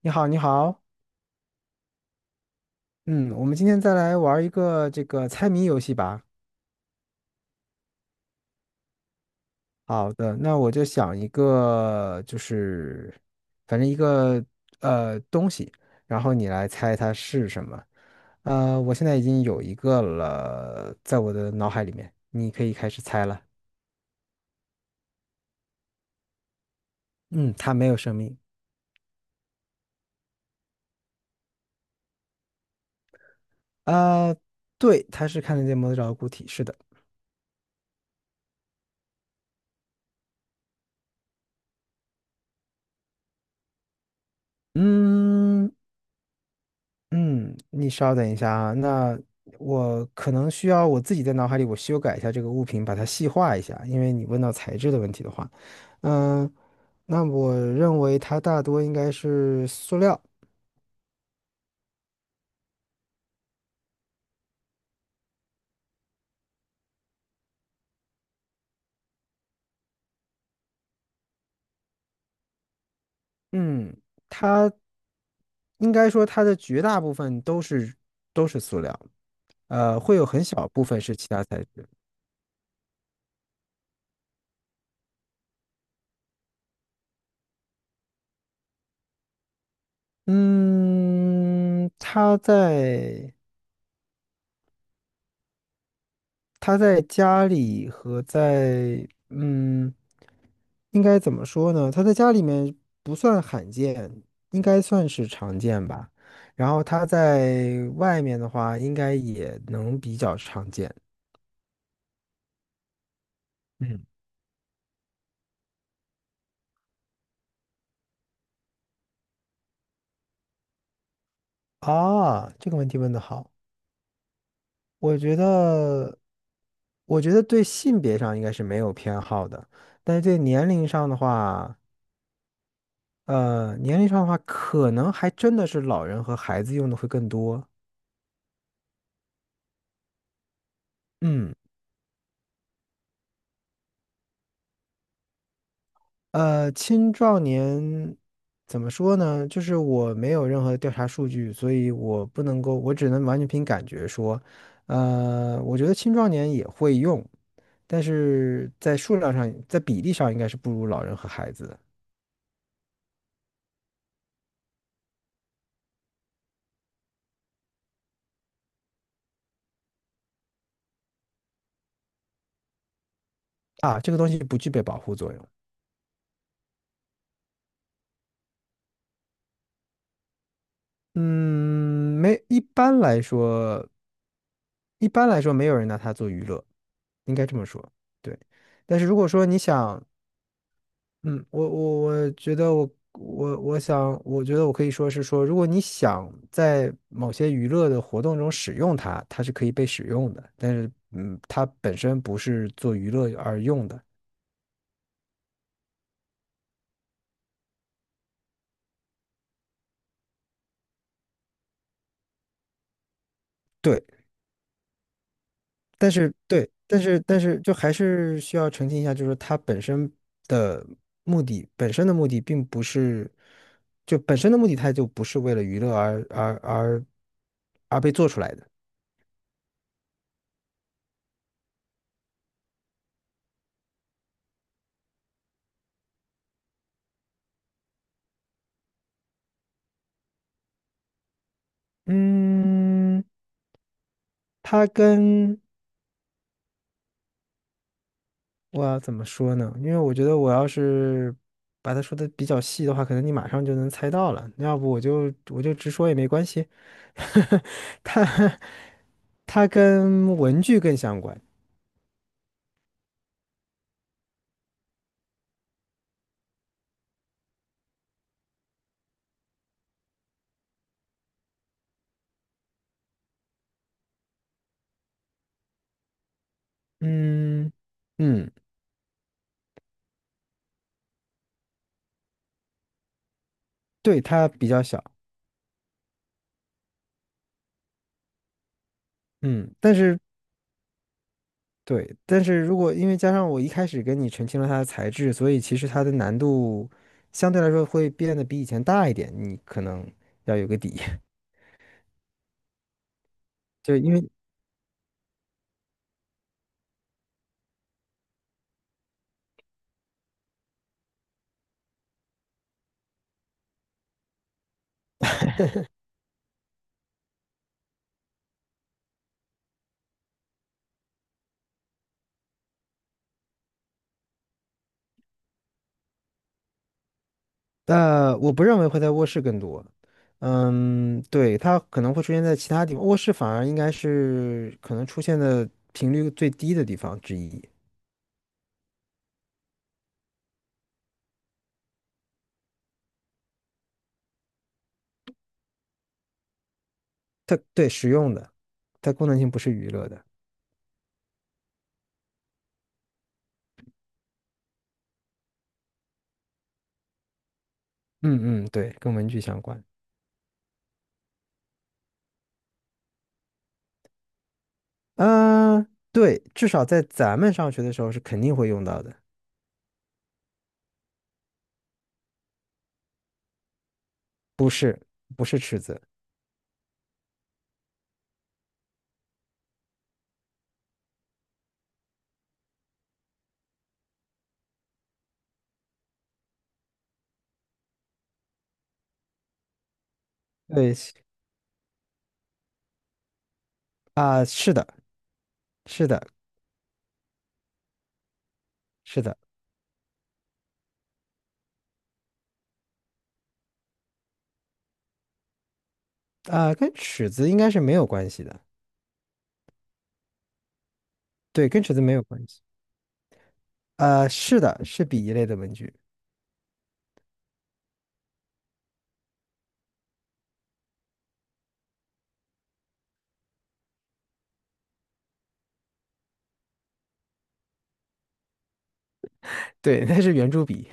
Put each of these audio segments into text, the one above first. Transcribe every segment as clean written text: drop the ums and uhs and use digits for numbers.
你好，你好。嗯，我们今天再来玩一个这个猜谜游戏吧。好的，那我就想一个，就是反正一个东西，然后你来猜它是什么。我现在已经有一个了，在我的脑海里面，你可以开始猜了。嗯，它没有生命。呃，对，它是看得见摸得着的固体，是的。嗯，嗯，你稍等一下啊，那我可能需要我自己在脑海里我修改一下这个物品，把它细化一下，因为你问到材质的问题的话，嗯，那我认为它大多应该是塑料。嗯，它应该说它的绝大部分都是塑料，会有很小部分是其他材质。嗯，它在。他在家里和在嗯，应该怎么说呢？他在家里面不算罕见，应该算是常见吧。然后他在外面的话，应该也能比较常见。嗯。啊，这个问题问得好，我觉得，我觉得对性别上应该是没有偏好的，但是对年龄上的话，可能还真的是老人和孩子用的会更多。嗯。青壮年怎么说呢？就是我没有任何的调查数据，所以我不能够，我只能完全凭感觉说。我觉得青壮年也会用，但是在数量上，在比例上应该是不如老人和孩子的。啊，这个东西不具备保护作用。嗯，没，一般来说没有人拿它做娱乐，应该这么说。对，但是如果说你想嗯，我觉得我想，我觉得我可以说是说，如果你想在某些娱乐的活动中使用它，它是可以被使用的，但是它本身不是做娱乐而用的。对，对，但是就还是需要澄清一下，就是它本身的目的，本身的目的并不是，就本身的目的它就不是为了娱乐而被做出来的。嗯，它跟我要怎么说呢？因为我觉得我要是把它说的比较细的话，可能你马上就能猜到了。要不我就直说也没关系。它它跟文具更相关。嗯嗯，对，它比较小。嗯，但是对，但是如果因为加上我一开始跟你澄清了它的材质，所以其实它的难度相对来说会变得比以前大一点。你可能要有个底，就因为。但我不认为会在卧室更多。嗯，对，它可能会出现在其他地方，卧室反而应该是可能出现的频率最低的地方之一。它对实用的，它功能性不是娱乐的。嗯对，跟文具相关。嗯、对，至少在咱们上学的时候是肯定会用到的，是不是尺子？对是的，是的，是的。跟尺子应该是没有关系的。对，跟尺子没有关系。啊，是的，是笔一类的文具。对，那是圆珠笔，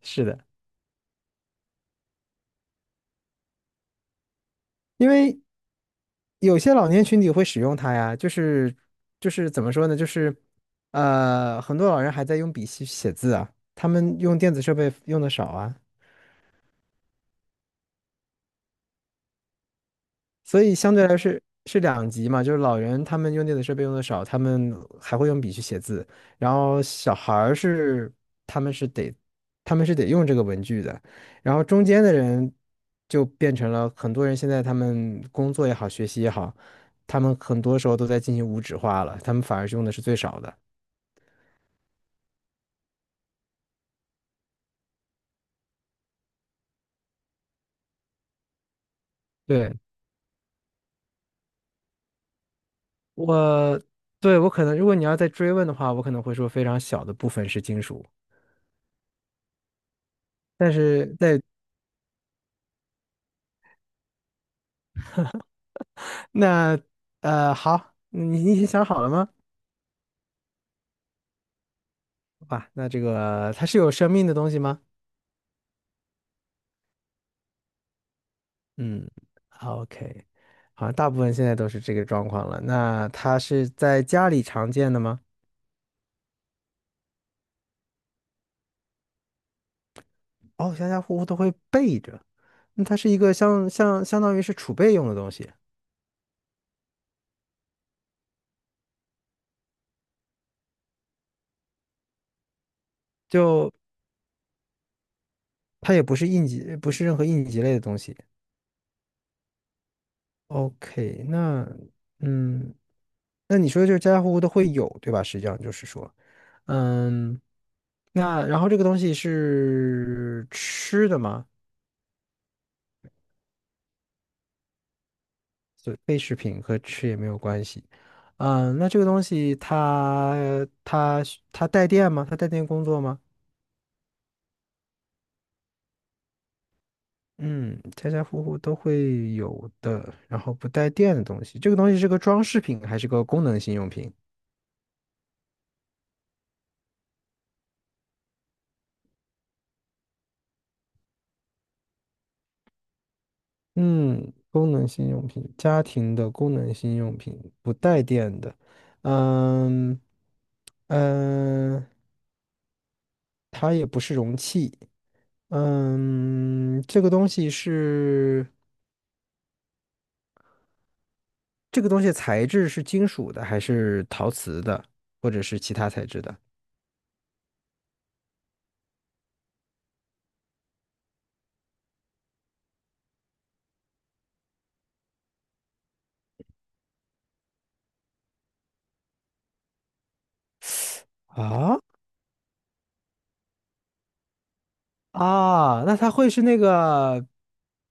是的，因为有些老年群体会使用它呀，就是怎么说呢，就是很多老人还在用笔写写字啊，他们用电子设备用的少啊。所以相对来是是两极嘛，就是老人他们用电子设备用的少，他们还会用笔去写字，然后小孩儿是他们是得他们是得用这个文具的，然后中间的人就变成了很多人现在他们工作也好，学习也好，他们很多时候都在进行无纸化了，他们反而是用的是最少的。对，我，对，我可能，如果你要再追问的话，我可能会说非常小的部分是金属。但是在那呃，好，你你已经想好了吗？哇，那这个它是有生命的东西吗？嗯，OK，好像大部分现在都是这个状况了。那它是在家里常见的吗？哦，家家户户都会备着。那它是一个相当于是储备用的东西，就它也不是应急，不是任何应急类的东西。OK，那嗯，那你说就是家家户户都会有，对吧？实际上就是说，嗯，那然后这个东西是吃的吗？嗯，那这个东西它它带电吗？它带电工作吗？嗯，家家户户都会有的，然后不带电的东西，这个东西是个装饰品还是个功能性用品？嗯，功能性用品，家庭的功能性用品，不带电的。嗯嗯，呃它也不是容器。嗯，这个东西是这个东西的材质是金属的，还是陶瓷的，或者是其他材质的？啊啊，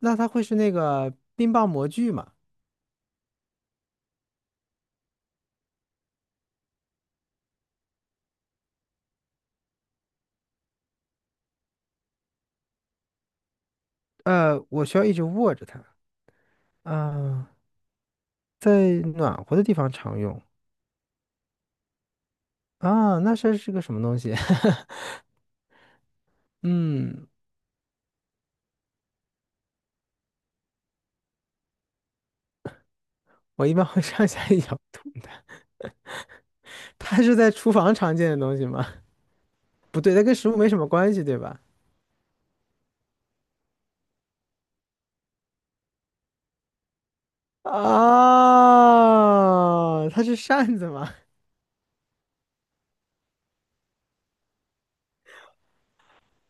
那它会是那个冰棒模具吗？呃，我需要一直握着它。啊，在暖和的地方常用。啊，那是是个什么东西？嗯，我一般会上下一摇动的。它是在厨房常见的东西吗？不对，它跟食物没什么关系，对吧？啊，它是扇子吗？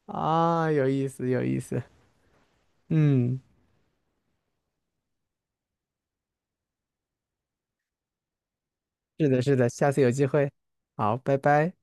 啊，有意思，有意思。嗯，是的，是的，下次有机会。好，拜拜。